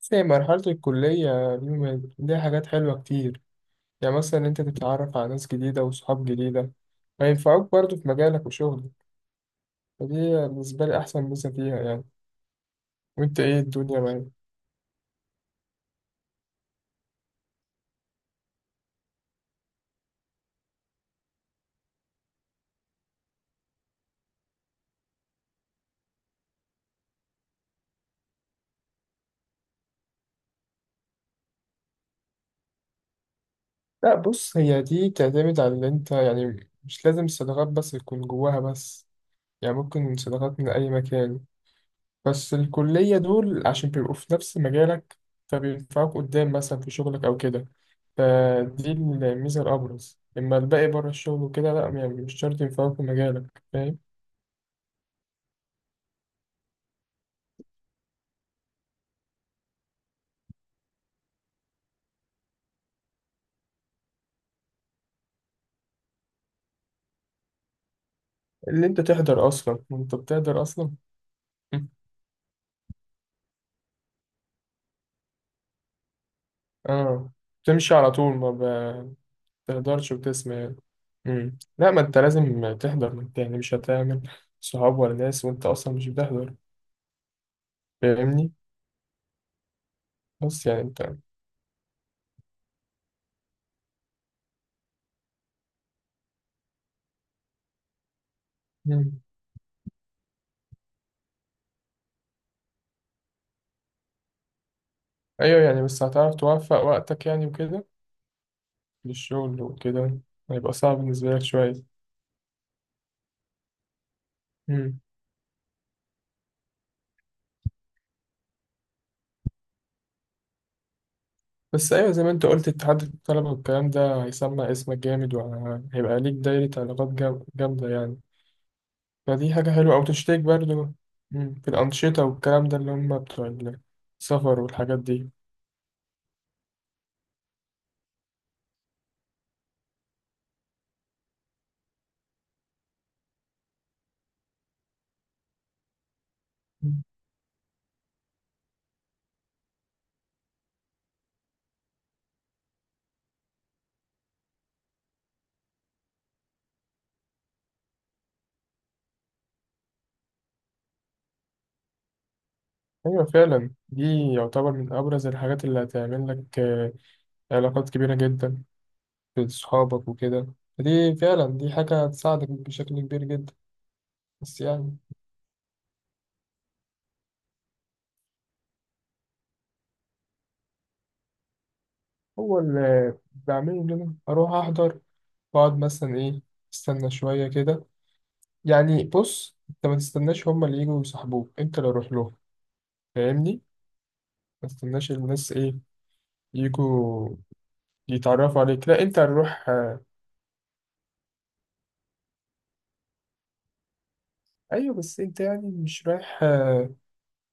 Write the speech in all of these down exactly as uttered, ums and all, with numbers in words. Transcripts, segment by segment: بس هي مرحلة الكلية بيبقى ليها حاجات حلوة كتير. يعني مثلا أنت تتعرف على ناس جديدة وصحاب جديدة هينفعوك برضه في مجالك وشغلك. فدي بالنسبة لي أحسن ميزة فيها يعني. وأنت إيه الدنيا معاك؟ لا بص، هي دي بتعتمد على اللي أنت، يعني مش لازم الصداقات بس يكون جواها بس. يعني ممكن صداقات من أي مكان، بس الكلية دول عشان بيبقوا في نفس مجالك فبينفعوك قدام مثلا في شغلك أو كده. فدي الميزة الأبرز، أما الباقي بره الشغل وكده لأ، يعني مش شرط ينفعوك في مجالك، فاهم؟ اللي أنت تحضر أصلا، وأنت بتحضر أصلا. آه. بتمشي على طول ما بتقدرش وتسمع يعني. مم. لا، ما أنت لازم تحضر، ما أنت يعني مش هتعمل صحاب ولا ناس وأنت أصلا مش بتحضر. فاهمني؟ بس يعني أنت. مم. أيوه يعني، بس هتعرف توفق وقتك يعني وكده للشغل وكده، هيبقى صعب بالنسبة لك شوية. مم. بس ايوه، زي ما انت قلت، اتحاد الطلبه والكلام ده هيسمع اسمك جامد، وهيبقى ليك دايره علاقات جام- جامده يعني. فدي حاجه حلوه، او تشترك برضو. مم، في الانشطه والكلام ده اللي هم بتوع السفر والحاجات دي. مم. ايوه فعلا، دي يعتبر من ابرز الحاجات اللي هتعمل لك آه، علاقات كبيره جدا في صحابك وكده. دي فعلا، دي حاجه هتساعدك بشكل كبير جدا، بس يعني. هو اللي بعمله ان أنا اروح احضر واقعد مثلا ايه، استنى شويه كده. يعني بص، انت ما تستناش هما اللي يجوا يصاحبوك، انت اللي روح لهم، فاهمني؟ ما تستناش الناس ايه، يجوا يتعرفوا عليك، لا انت هتروح آه، ايوه بس انت يعني مش رايح آه،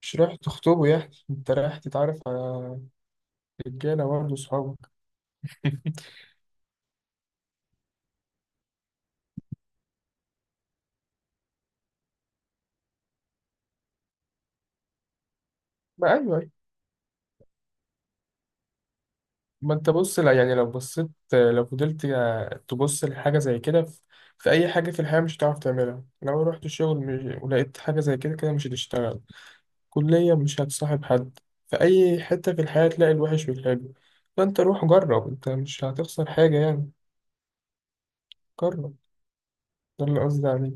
مش رايح تخطبه، يعني انت رايح تتعرف على رجاله برضه، صحابك. ما ايوه أيوة. ما انت بص، لا يعني لو بصيت آه، لو فضلت آه، تبص لحاجه زي كده، في في اي حاجه في الحياه مش هتعرف تعملها، لو رحت الشغل مش- ولقيت حاجه زي كده كده مش هتشتغل، كلية مش هتصاحب حد. في أي حتة في الحياة تلاقي الوحش والحلو، فأنت روح جرب، أنت مش هتخسر حاجة يعني، جرب. ده اللي قصدي عليه.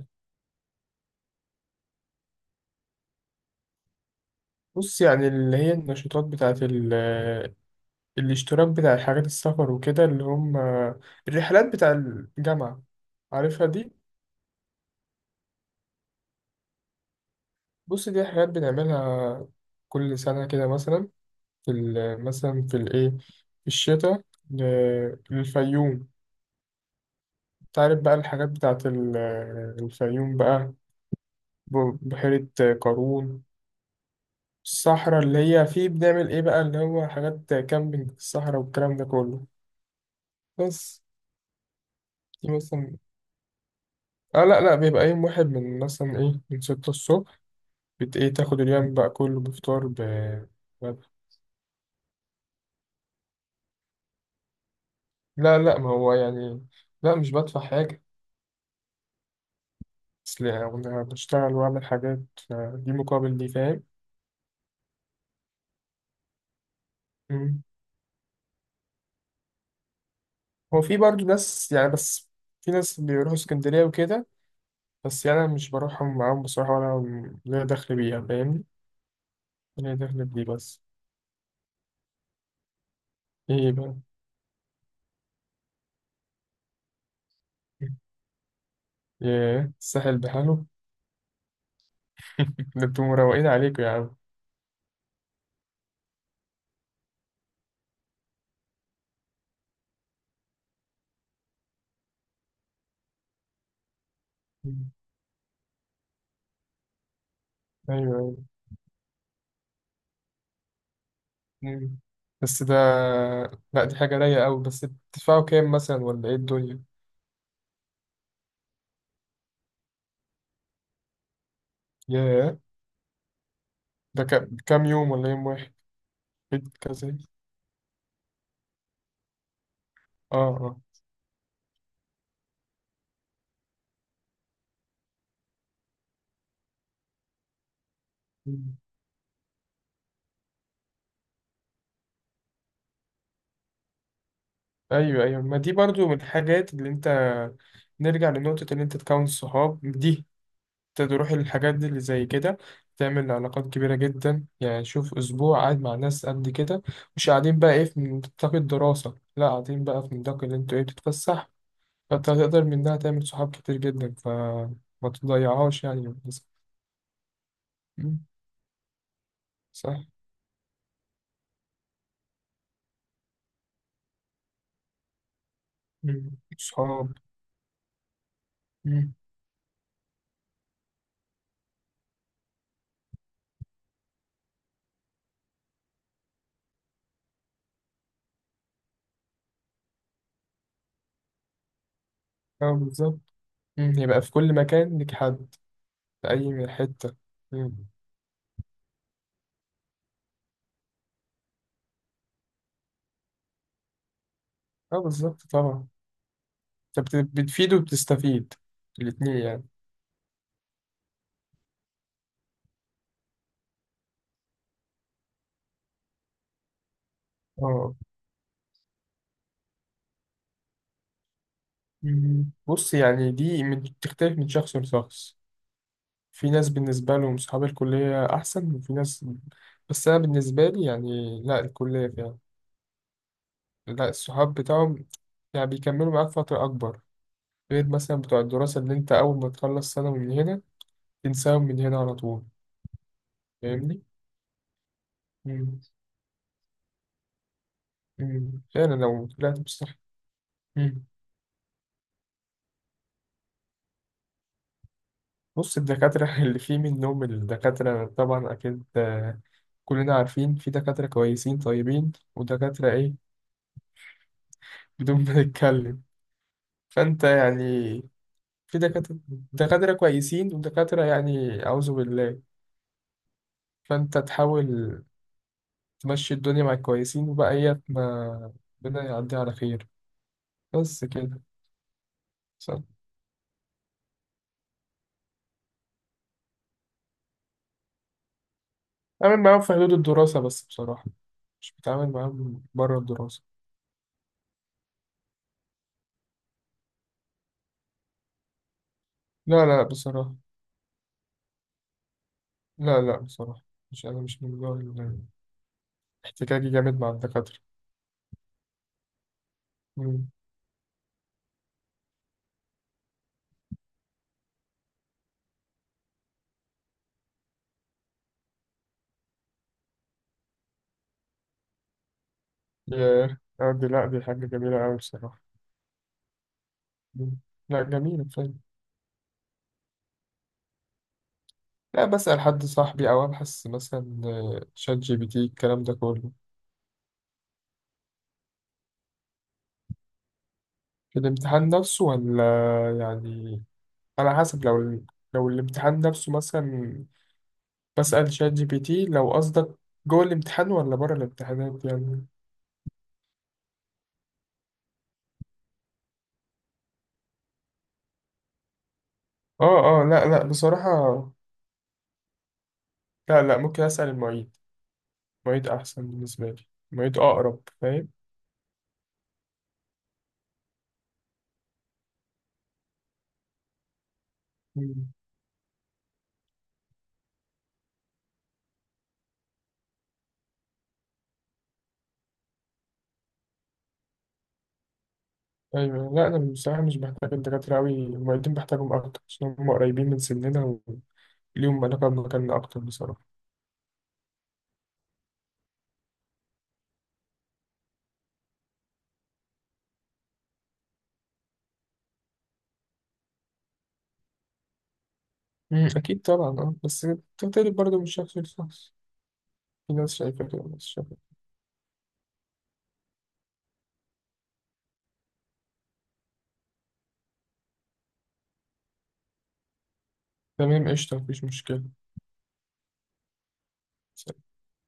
بص يعني، اللي هي النشاطات بتاعة ال- آه، الاشتراك بتاع حاجات السفر وكده، اللي هم الرحلات بتاع الجامعة، عارفها دي. بص دي حاجات بنعملها كل سنة كده، مثلا في ال- آه، مثلا في الإيه، في الشتاء، ل- للفيوم. تعرف بقى الحاجات بتاعة ال- آه، الفيوم بقى، ب- بحيرة قارون، الصحراء اللي هي فيه بنعمل إيه بقى، اللي هو حاجات كامبينج في الصحراء والكلام ده كله. بس دي مثلا. آه لا لا، بيبقى يوم واحد من مثلا إيه، من ستة الصبح بت إيه، تاخد اليوم بقى كله بفطار ب... ب- لا لا، ما هو يعني، لا مش بدفع حاجة، أصل أنا بشتغل وأعمل حاجات دي مقابل دي، فاهم؟ مم. هو في برضه ناس يعني، بس في ناس بيروحوا اسكندرية وكده، بس يعني أنا مش بروحهم معاهم بصراحة ولا ليا دخل بيها، فاهمني؟ هي دخلت دي بس. ايه بقى؟ ياه، الساحل بحاله. ده انتوا مروقين عليكم يا عم. مم. ايوه ايوه. مم. بس ده، لا دي حاجة رايقة أوي، بس بتدفعوا كام مثلا ولا ايه الدنيا؟ ياه. ده كام كام يوم ولا يوم واحد؟ كذا. اه اه. مم. أيوه أيوه، ما دي برضو من الحاجات اللي أنت، نرجع لنقطة اللي أنت تكون صحاب دي، تروح الحاجات دي اللي زي كده، تعمل علاقات كبيرة جدا، يعني شوف أسبوع قاعد مع ناس قد كده، مش قاعدين بقى إيه في نطاق الدراسة، لا قاعدين بقى في نطاق اللي أنتوا إيه بتتفسح، فأنت هتقدر منها تعمل صحاب كتير جدا، فما تضيعهاش يعني. مم، صح. مم، صحاب. مم، أه بالظبط. مم، يبقى في كل مكان ليك حد في أي حتة. مم، أه بالظبط طبعا. أنت بت- بتفيد وبتستفيد الاتنين يعني. اه. مم. بص يعني دي من- بتختلف من شخص لشخص، في ناس بالنسبة لهم صحاب الكلية أحسن، وفي ناس، بس أنا بالنسبة لي يعني لا، الكلية فعلا لا، الصحاب بتاعهم يعني بيكملوا معاك فترة أكبر، غير مثلا بتوع الدراسة اللي أنت أول ما تخلص سنة من هنا تنساهم من هنا على طول، فاهمني؟ مم. مم. فعلا لو طلعت بصح. مم. بص الدكاترة اللي فيه منهم، الدكاترة طبعا أكيد آه، كلنا عارفين في دكاترة كويسين طيبين، ودكاترة إيه، بدون ما نتكلم. فأنت يعني في دكاترة، دكاترة كويسين ودكاترة يعني أعوذ بالله، فأنت تحاول تمشي الدنيا مع الكويسين، وبقية ما ربنا يعدي على خير، بس كده. صح. أعمل معاهم في حدود الدراسة بس بصراحة، مش بتعامل معاهم بره الدراسة. لا لا بصراحة، لا لا بصراحة، مش أنا مش من جوع ال- احتكاكي جامد مع الدكاترة. مم. ياه، آه، دي لا، دي حاجة جميلة أوي بصراحة. مم. لا جميلة، لا بسأل حد صاحبي، أو أبحث مثلا آه، شات جي بي تي الكلام ده كله. في الامتحان نفسه ولا؟ يعني على حسب، لو ال- لو الامتحان نفسه مثلا، بسأل شات جي بي تي؟ لو قصدك جوه الامتحان ولا بره الامتحانات يعني. اه اه، لا لا بصراحة، لا لا، ممكن أسأل المعيد، المعيد أحسن بالنسبة لي، المعيد أقرب، فاهم؟ مم. أيوة لا أنا بصراحة مش بحتاج الدكاترة أوي، المعيدين بحتاجهم أكتر عشان هم قريبين من سننا وليهم علاقة بمكاننا أكتر بصراحة. مم، أكيد طبعا، أه بس بتختلف برضه من شخص لشخص، في ناس شايفة كده وناس شايفة كده. تمام قشطة، مفيش مشكلة.